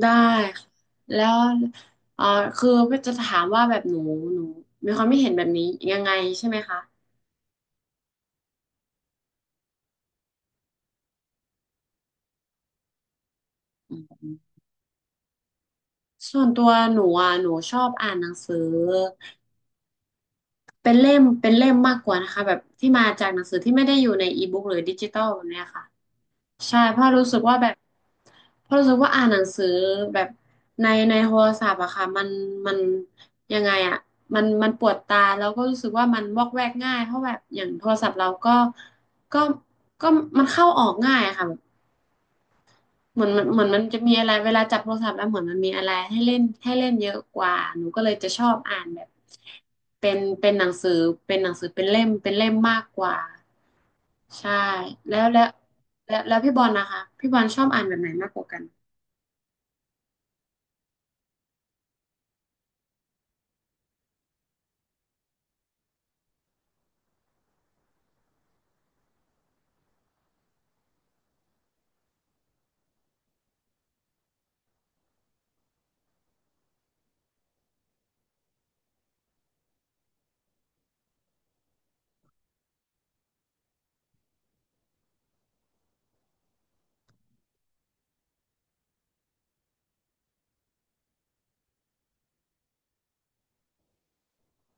ได้ค่ะแล้วเอ่อคือจะถามว่าแบบหนูมีความไม่เห็นแบบนี้ยังไงใช่ไหมคะอืมส่วนตัวหนูอ่ะหนูชอบอ่านหนังสือเป็นเล่มมากกว่านะคะแบบที่มาจากหนังสือที่ไม่ได้อยู่ในอีบุ๊กหรือดิจิตอลแบบเนี้ยค่ะ ใช่เพราะรู้สึกว่าแบบเพราะรู้สึกว่าอ่านหนังสือแบบในโทรศัพท์อะค่ะมันยังไงอะมันปวดตาแล้วก็รู้สึกว่ามันวอกแวกง่ายเพราะแบบอย่างโทรศัพท์เราก็ก็มันเข้าออกง่ายอะค่ะแบบเหมือนมันจะมีอะไรเวลาจับโทรศัพท์แล้วเหมือนมันมีอะไรให้เล่นเยอะกว่าหนูก็เลยจะชอบอ่านแบบเป็นหนังสือเป็นหนังสือเป็นเล่มเป็นเล่มมากกว่า ใช่แล้วแล้วแล้วพี่บอลนะคะพี่บอลชอบอ่านแบบไหนมากกว่ากัน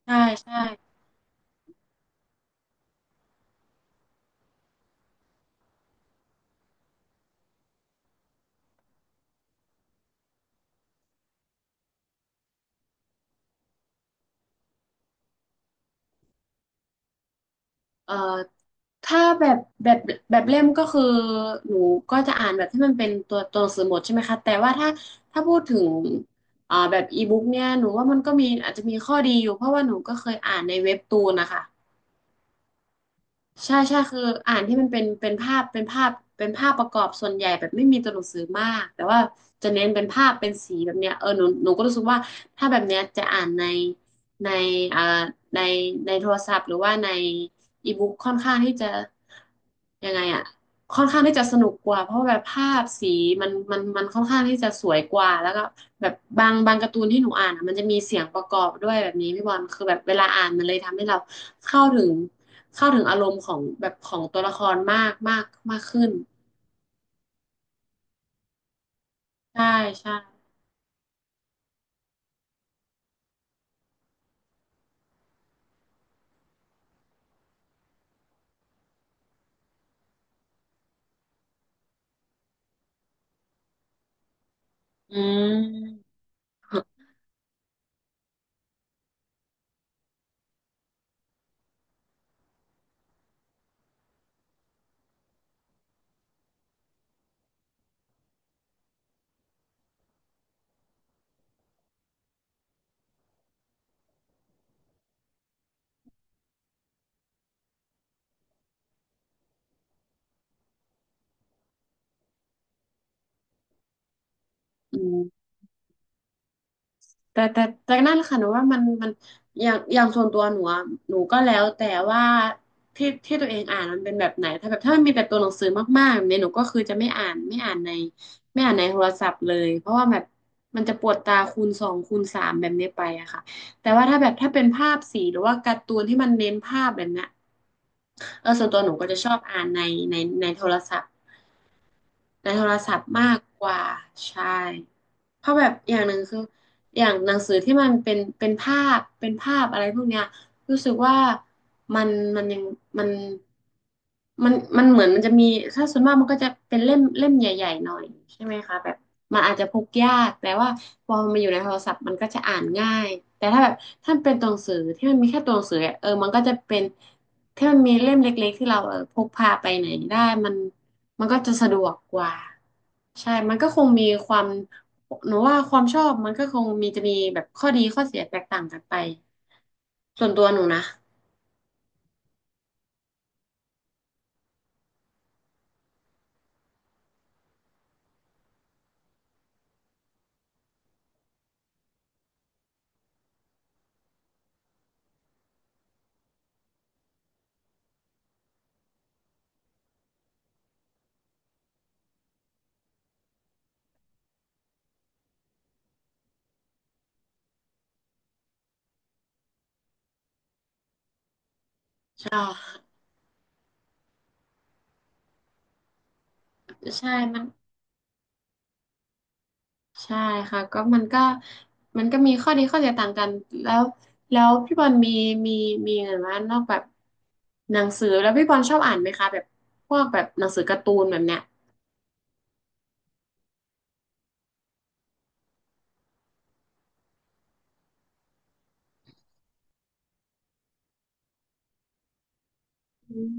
ใช่ใช่เอ่อถ้าแบบแบบแบบเล่มก็คือหนูก็จะอ่านแบบที่มันเป็นตัวหนังสือหมดใช่ไหมคะแต่ว่าถ้าพูดถึงแบบอีบุ๊กเนี่ยหนูว่ามันก็มีอาจจะมีข้อดีอยู่เพราะว่าหนูก็เคยอ่านในเว็บตูนนะคะ ใช่ใช่คืออ่านที่มันเป็นเป็นภาพเป็นภาพประกอบส่วนใหญ่แบบไม่มีตัวหนังสือมากแต่ว่าจะเน้นเป็นภาพเป็นสีแบบเนี้ยเออหนูก็รู้สึกว่าถ้าแบบเนี้ยจะอ่านในอ่าในในโทรศัพท์หรือว่าในอีบุ๊กค่อนข้างที่จะยังไงอ่ะค่อนข้างที่จะสนุกกว่าเพราะว่าแบบภาพสีมันค่อนข้างที่จะสวยกว่าแล้วก็แบบบางการ์ตูนที่หนูอ่านอะมันจะมีเสียงประกอบด้วยแบบนี้พี่บอลคือแบบเวลาอ่านมันเลยทำให้เราเข้าถึง เข้าถึงอารมณ์ของแบบของตัวละครมากมากมากขึ้นใช่ใช่อืมแต่นั่นแหละค่ะหนูว่ามันมันอย่างส่วนตัวหนูอะหนูก็แล้วแต่ว่าที่ที่ตัวเองอ่านมันเป็นแบบไหนถ้ามันมีแต่ตัวหนังสือมากๆแบบนี้หนูก็คือจะไม่อ่านในโทรศัพท์เลยเพราะว่าแบบมันจะปวดตาคูณสองคูณสามแบบนี้ไปอะค่ะแต่ว่าถ้าแบบถ้าเป็นภาพสีหรือว่าการ์ตูนที่มันเน้นภาพแบบเนี้ยเออส่วนตัวหนูก็จะชอบอ่านในในโทรศัพท์ ในโทรศัพท์มากกว่าใช่ เพราะแบบอย่างหนึ่งคืออย่างหนังสือที่มันเป็นเป็นภาพอะไรพวกเนี้ยรู้สึกว่ามันมันยังมันมันมันเหมือนมันจะมีถ้าส่วนมากมันก็จะเป็นเล่มเล่มใหญ่ๆหน่อยใช่ไหมคะแบบมันอาจจะพกยากแต่ว่าพอมันอยู่ในโทรศัพท์มันก็จะอ่านง่ายแต่ถ้าแบบถ้ามันเป็นตัวหนังสือที่มันมีแค่ตัวหนังสืออะเออมันก็จะเป็นถ้ามันมีเล่มเล็กๆที่เราเออพกพาไปไหนได้มันมันก็จะสะดวกกว่าใช่ มันก็คงมีความ หนูว่าความชอบมันก็คงมีจะมีแบบข้อดีข้อเสียแตกต่างกันไปส่วนตัวหนูนะ ใช่ใช่มันใช่ค่ะก็มันก็มันก็มีข้อดีข้อเสียต่างกันแล้วแล้วพี่บอลมีมีเห็นว่านอกแบบหนังสือแล้วพี่บอลชอบอ่านไหมคะแบบพวกแบบหนังสือการ์ตูนแบบเนี้ยอืม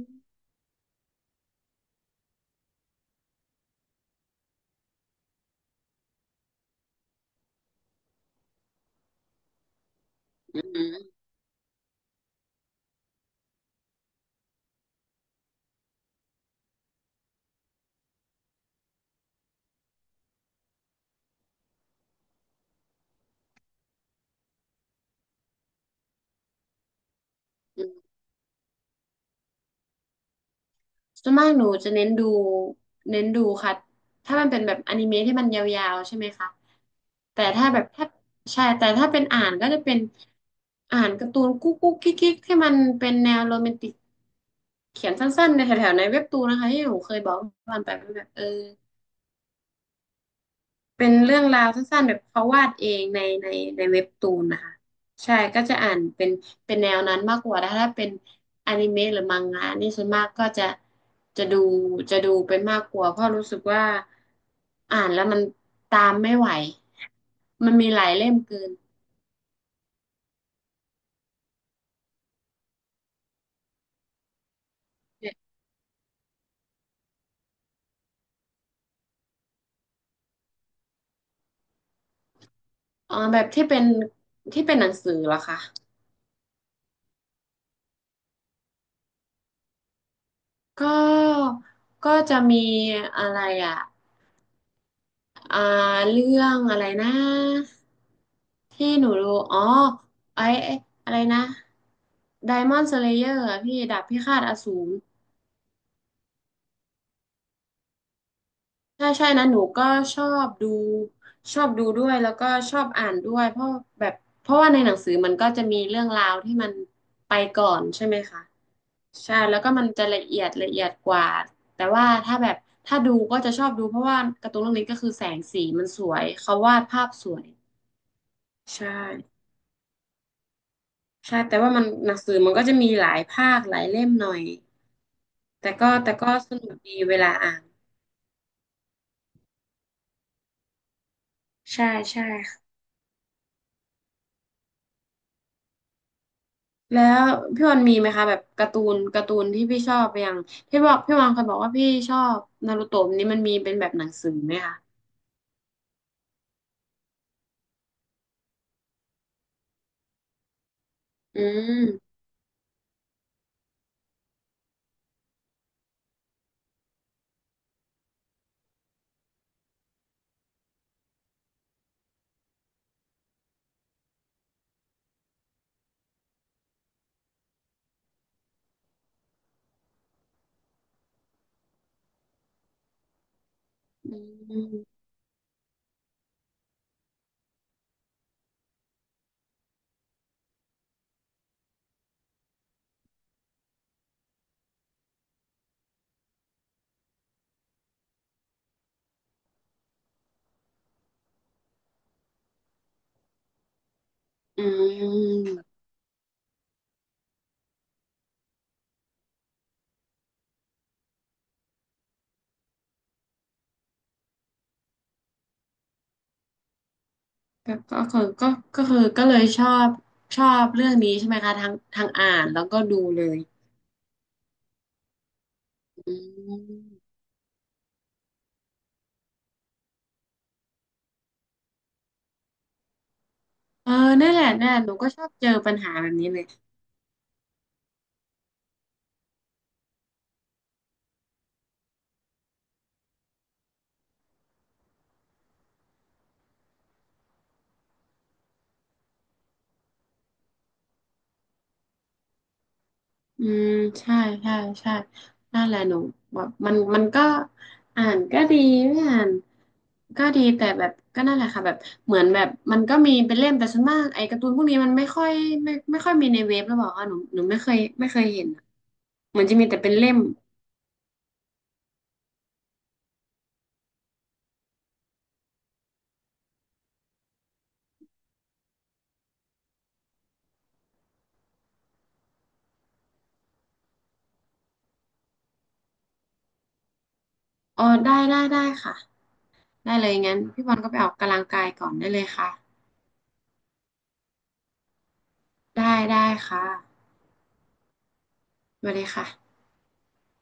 อืมอืมส่วนมากหนูจะเน้นดูเน้นดูค่ะถ้ามันเป็นแบบอนิเมะที่มันยาวๆใช่ไหมคะ แต่ถ้าแบบถ้าใช่แต่ถ้าเป็นอ่านก็จะเป็นอ่านการ์ตูนกุ๊กกุ๊กกิ๊กกิ๊กที่มันเป็นแนวโรแมนติกเขียนสั้นๆในแถวๆในเว็บตูนนะคะที่หนูเคยบอกวันไปว่าแบบเออเป็นเรื่องราวสั้นๆแบบเขาวาดเองในเว็บตูนนะคะใช่ก็จะอ่านเป็นแนวนั้นมากกว่าถ้าเป็นอนิเมะหรือมังงะนี่ส่วนมากก็จะจะดูจะดูเป็นมากกว่าเพราะรู้สึกว่าอ่านแล้วมันตามไม่ไหวมันมีหลายเล่มเกิน อ๋อแบบที่เป็นหนังสือเหรอคะก็ก็จะมีอะไรอ่ะอ่าเรื่องอะไรนะที่หนูดูอ๋อไอ้อะไรนะไดมอน d ์สเลเยอร์พี่ดาบพิฆาตอสูรใช่ใช่นะหนูก็ชอบดูชอบดูด้วยแล้วก็ชอบอ่านด้วยแบบเพราะว่าในหนังสือมันก็จะมีเรื่องราวที่มันไปก่อนใช่ไหมคะ ใช่แล้วก็มันจะละเอียดกว่าแต่ว่าถ้าแบบถ้าดูก็จะชอบดูเพราะว่าการ์ตูนเรื่องนี้ก็คือแสงสีมันสวยเขาวาดภาพสวยใช่ใช่แต่ว่ามันหนังสือมันก็จะมีหลายภาคหลายเล่มหน่อยแต่ก็แต่ก็สนุกดีเวลาอ่านใช่ใช่ค่ะแล้วพี่วันมีไหมคะแบบการ์ตูนที่พี่ชอบอย่างพี่บอกพี่วันเคยบอกว่าพี่ชอบนารูโตะนี้มันมีเป็นแบบหนังสือไหมคะอืมอืมอืม ก็ก็คือก็ก็คือก็เลยชอบชอบเรื่องนี้ใช่ไหมคะทั้งทั้งอ่านแล้วก็ดูเลยอืมเออนั่นแหละนั่นแหละหนูก็ชอบเจอปัญหาแบบนี้เลยอืมใช่ใช่ใช่นั่นแหละหนูแบบมันมันก็อ่านก็ดีไม่อ่านก็ดีแต่แบบก็นั่นแหละค่ะแบบเหมือนแบบมันก็มีเป็นเล่มแต่ส่วนมากไอ้การ์ตูนพวกนี้มันไม่ค่อยมีในเว็บหรือเปล่าคะหนูไม่เคยไม่เคยเห็นอะเหมือนจะมีแต่เป็นเล่มอ๋อได้ค่ะ ได้เลยงั้นพี่บอลก็ไปออกกำลังกายก่อนได้เลยค่ะได้ค่ะสวัสดีค่ะ